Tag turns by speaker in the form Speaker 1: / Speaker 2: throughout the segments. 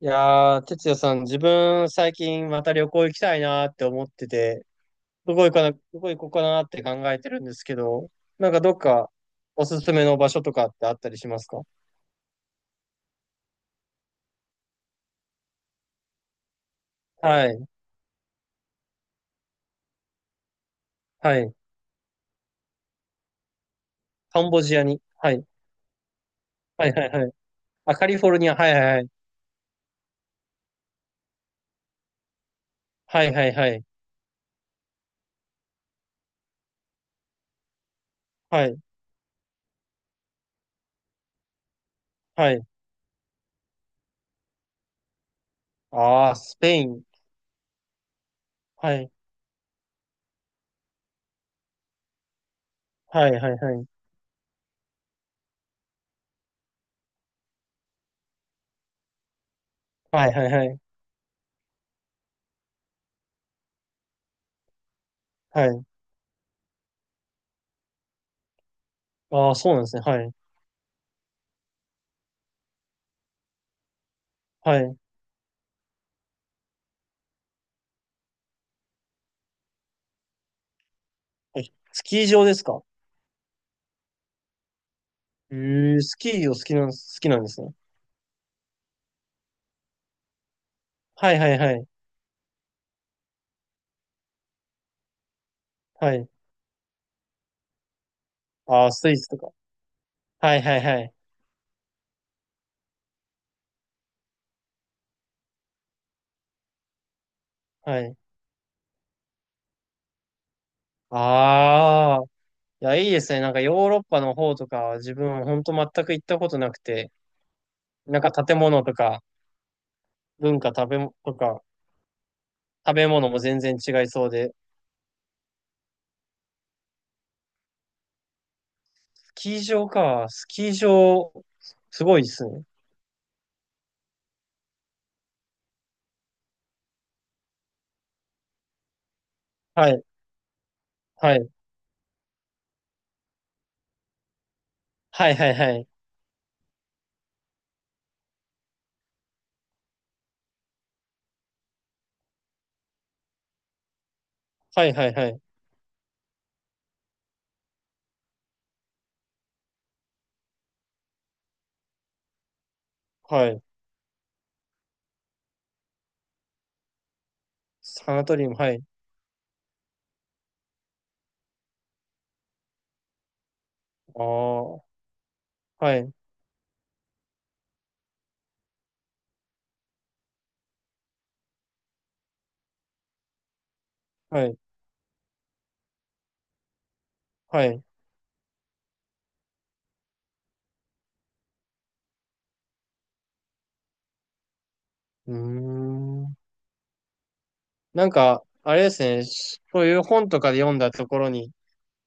Speaker 1: いやー、哲也さん、自分、最近また旅行行きたいなーって思ってて、どこ行こうかなーって考えてるんですけど、なんかどっかおすすめの場所とかってあったりしますか？はい、はい。カンボジアに。はい、はい、はい、はい。あ、カリフォルニア。はい、はい、はい。はい、はい、はい。はい、はい。あー、スペイン。はい、はい、はい、はい。はい、はい、はい。はい。あー、そうなんですね。はい、はい。はい、スキー場ですか？えー、スキーを好きなん、好きなんですね。はい、はい、はい。はい。ああ、スイスとか。はいはいはい。はい。ああ。いや、いいですね。なんかヨーロッパの方とかは自分ほんと全く行ったことなくて、なんか建物とか文化食べもとか食べ物も全然違いそうで、スキー場か。スキー場、すごいですね。はい。はい。はいはいはい。はいはいはい。はい。サナトリウム、はい。ああ。はい。はい。はい。うーん。なんか、あれですね。そういう本とかで読んだところに、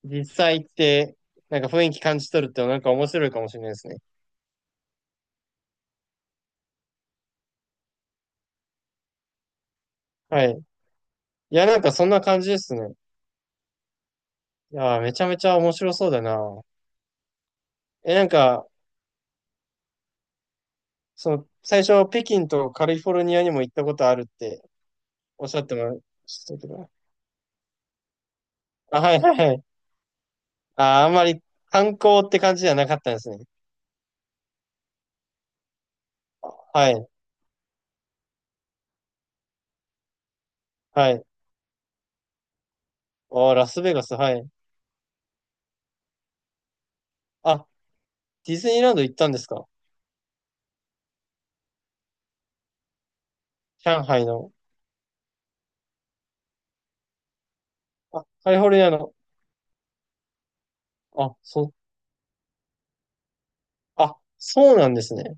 Speaker 1: 実際行って、なんか雰囲気感じ取るってなんか面白いかもしれないですね。はい。いや、なんかそんな感じですね。いやー、めちゃめちゃ面白そうだな。え、なんか、その、最初、北京とカリフォルニアにも行ったことあるっておっしゃってましたけど。あ、はいはいはい。あー、あんまり観光って感じじゃなかったんですね。はい、はい。おー、ラスベガス、はい。あ、ディズニーランド行ったんですか？上海の。あ、カリフォルニアの。あ、そう、あ、そうなんですね。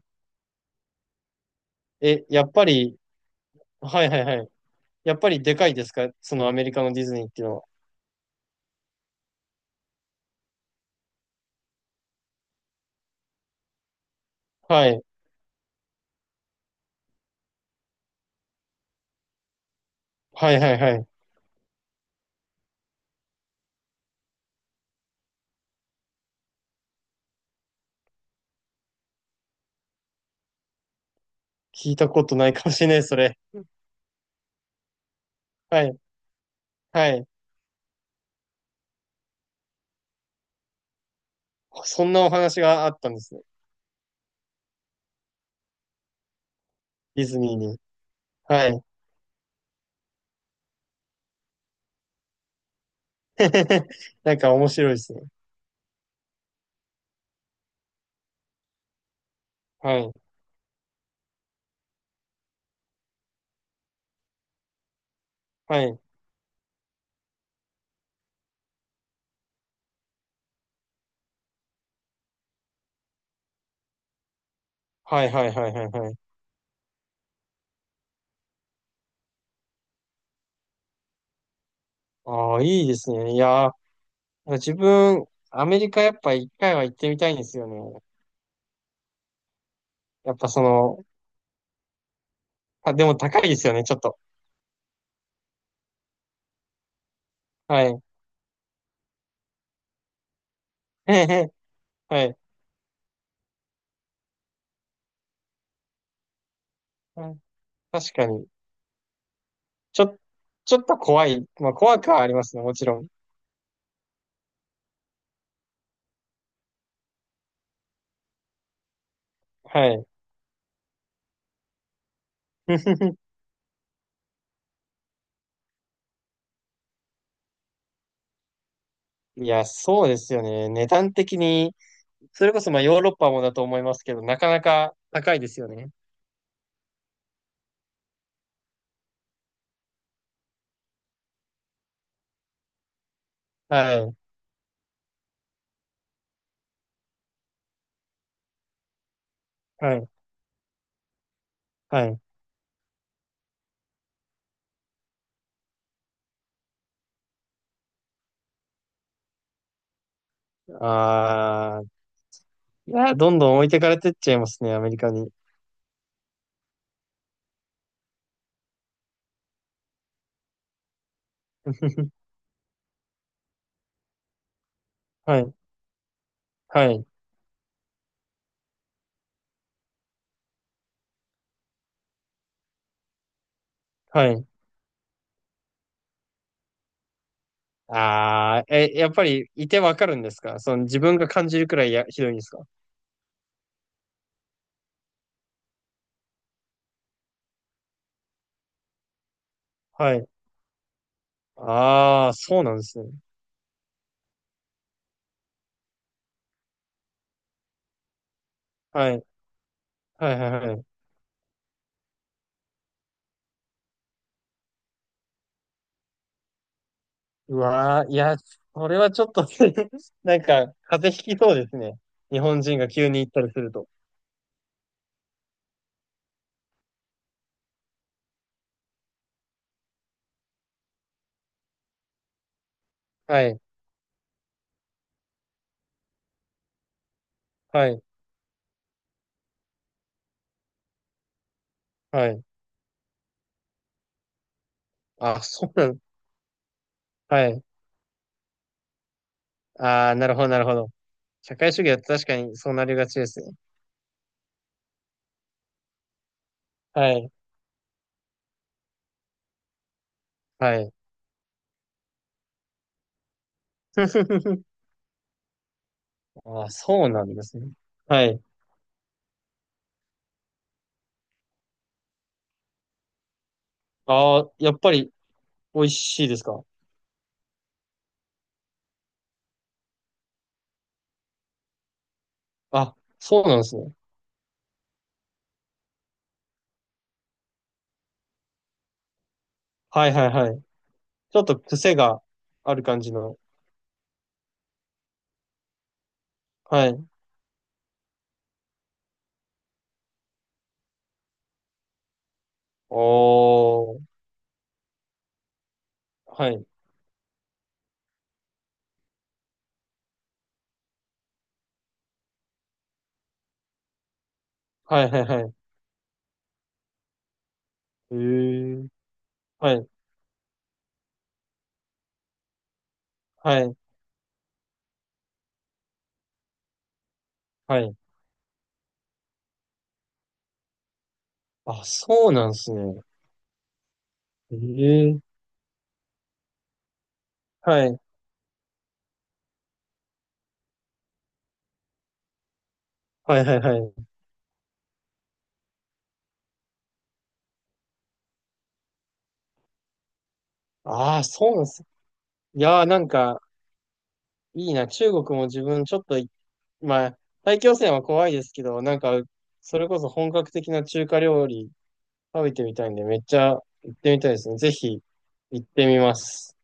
Speaker 1: え、やっぱり、はいはいはい。やっぱりでかいですか？そのアメリカのディズニーっていうのは。はい。はいはいはい。聞いたことないかもしれない、それ。はい。はい。そんなお話があったんですね。ディズニーに。はい。なんか面白いですね。はい。はい。はいはいはいはいはい。ああ、いいですね。いやー、自分、アメリカやっぱ一回は行ってみたいんですよね。やっぱその、あ、でも高いですよね、ちょっと。はい。はい。はい。確かに。ちょ、ちょっと怖い。まあ怖くはありますね、もちろん。はい。いや、そうですよね。値段的に、それこそまあヨーロッパもだと思いますけど、なかなか高いですよね。はい。はい。はい。ああ、いや、どんどん置いてかれてっちゃいますね、アメリカに。はい。はい。はい。ああ、え、やっぱりいてわかるんですか？その自分が感じるくらいや、ひどいんですか？はい。ああ、そうなんですね。はい。はいはいはい。うわー、いや、それはちょっと なんか、風邪ひきそうですね。日本人が急に行ったりすると。はい、はい、はい。あ、そうなん、はい。ああ、なるほど、なるほど。社会主義は確かにそうなりがちですね。はい、はい。ああ、そうなんですね。はい。ああ、やっぱり美味しいですか？あ、そうなんですね。はいはいはい。ちょっと癖がある感じの。はい。おー。はい。はいはいはい。へえ。はい。はい、はい。あ、そうなんですね。ええ、はい、はい、はい、はい。ああ、そうなんです。いやー、なんか、いいな。中国も自分ちょっとまあ、大気汚染は怖いですけど、なんか、それこそ本格的な中華料理食べてみたいんで、めっちゃ行ってみたいですね。ぜひ、行ってみます。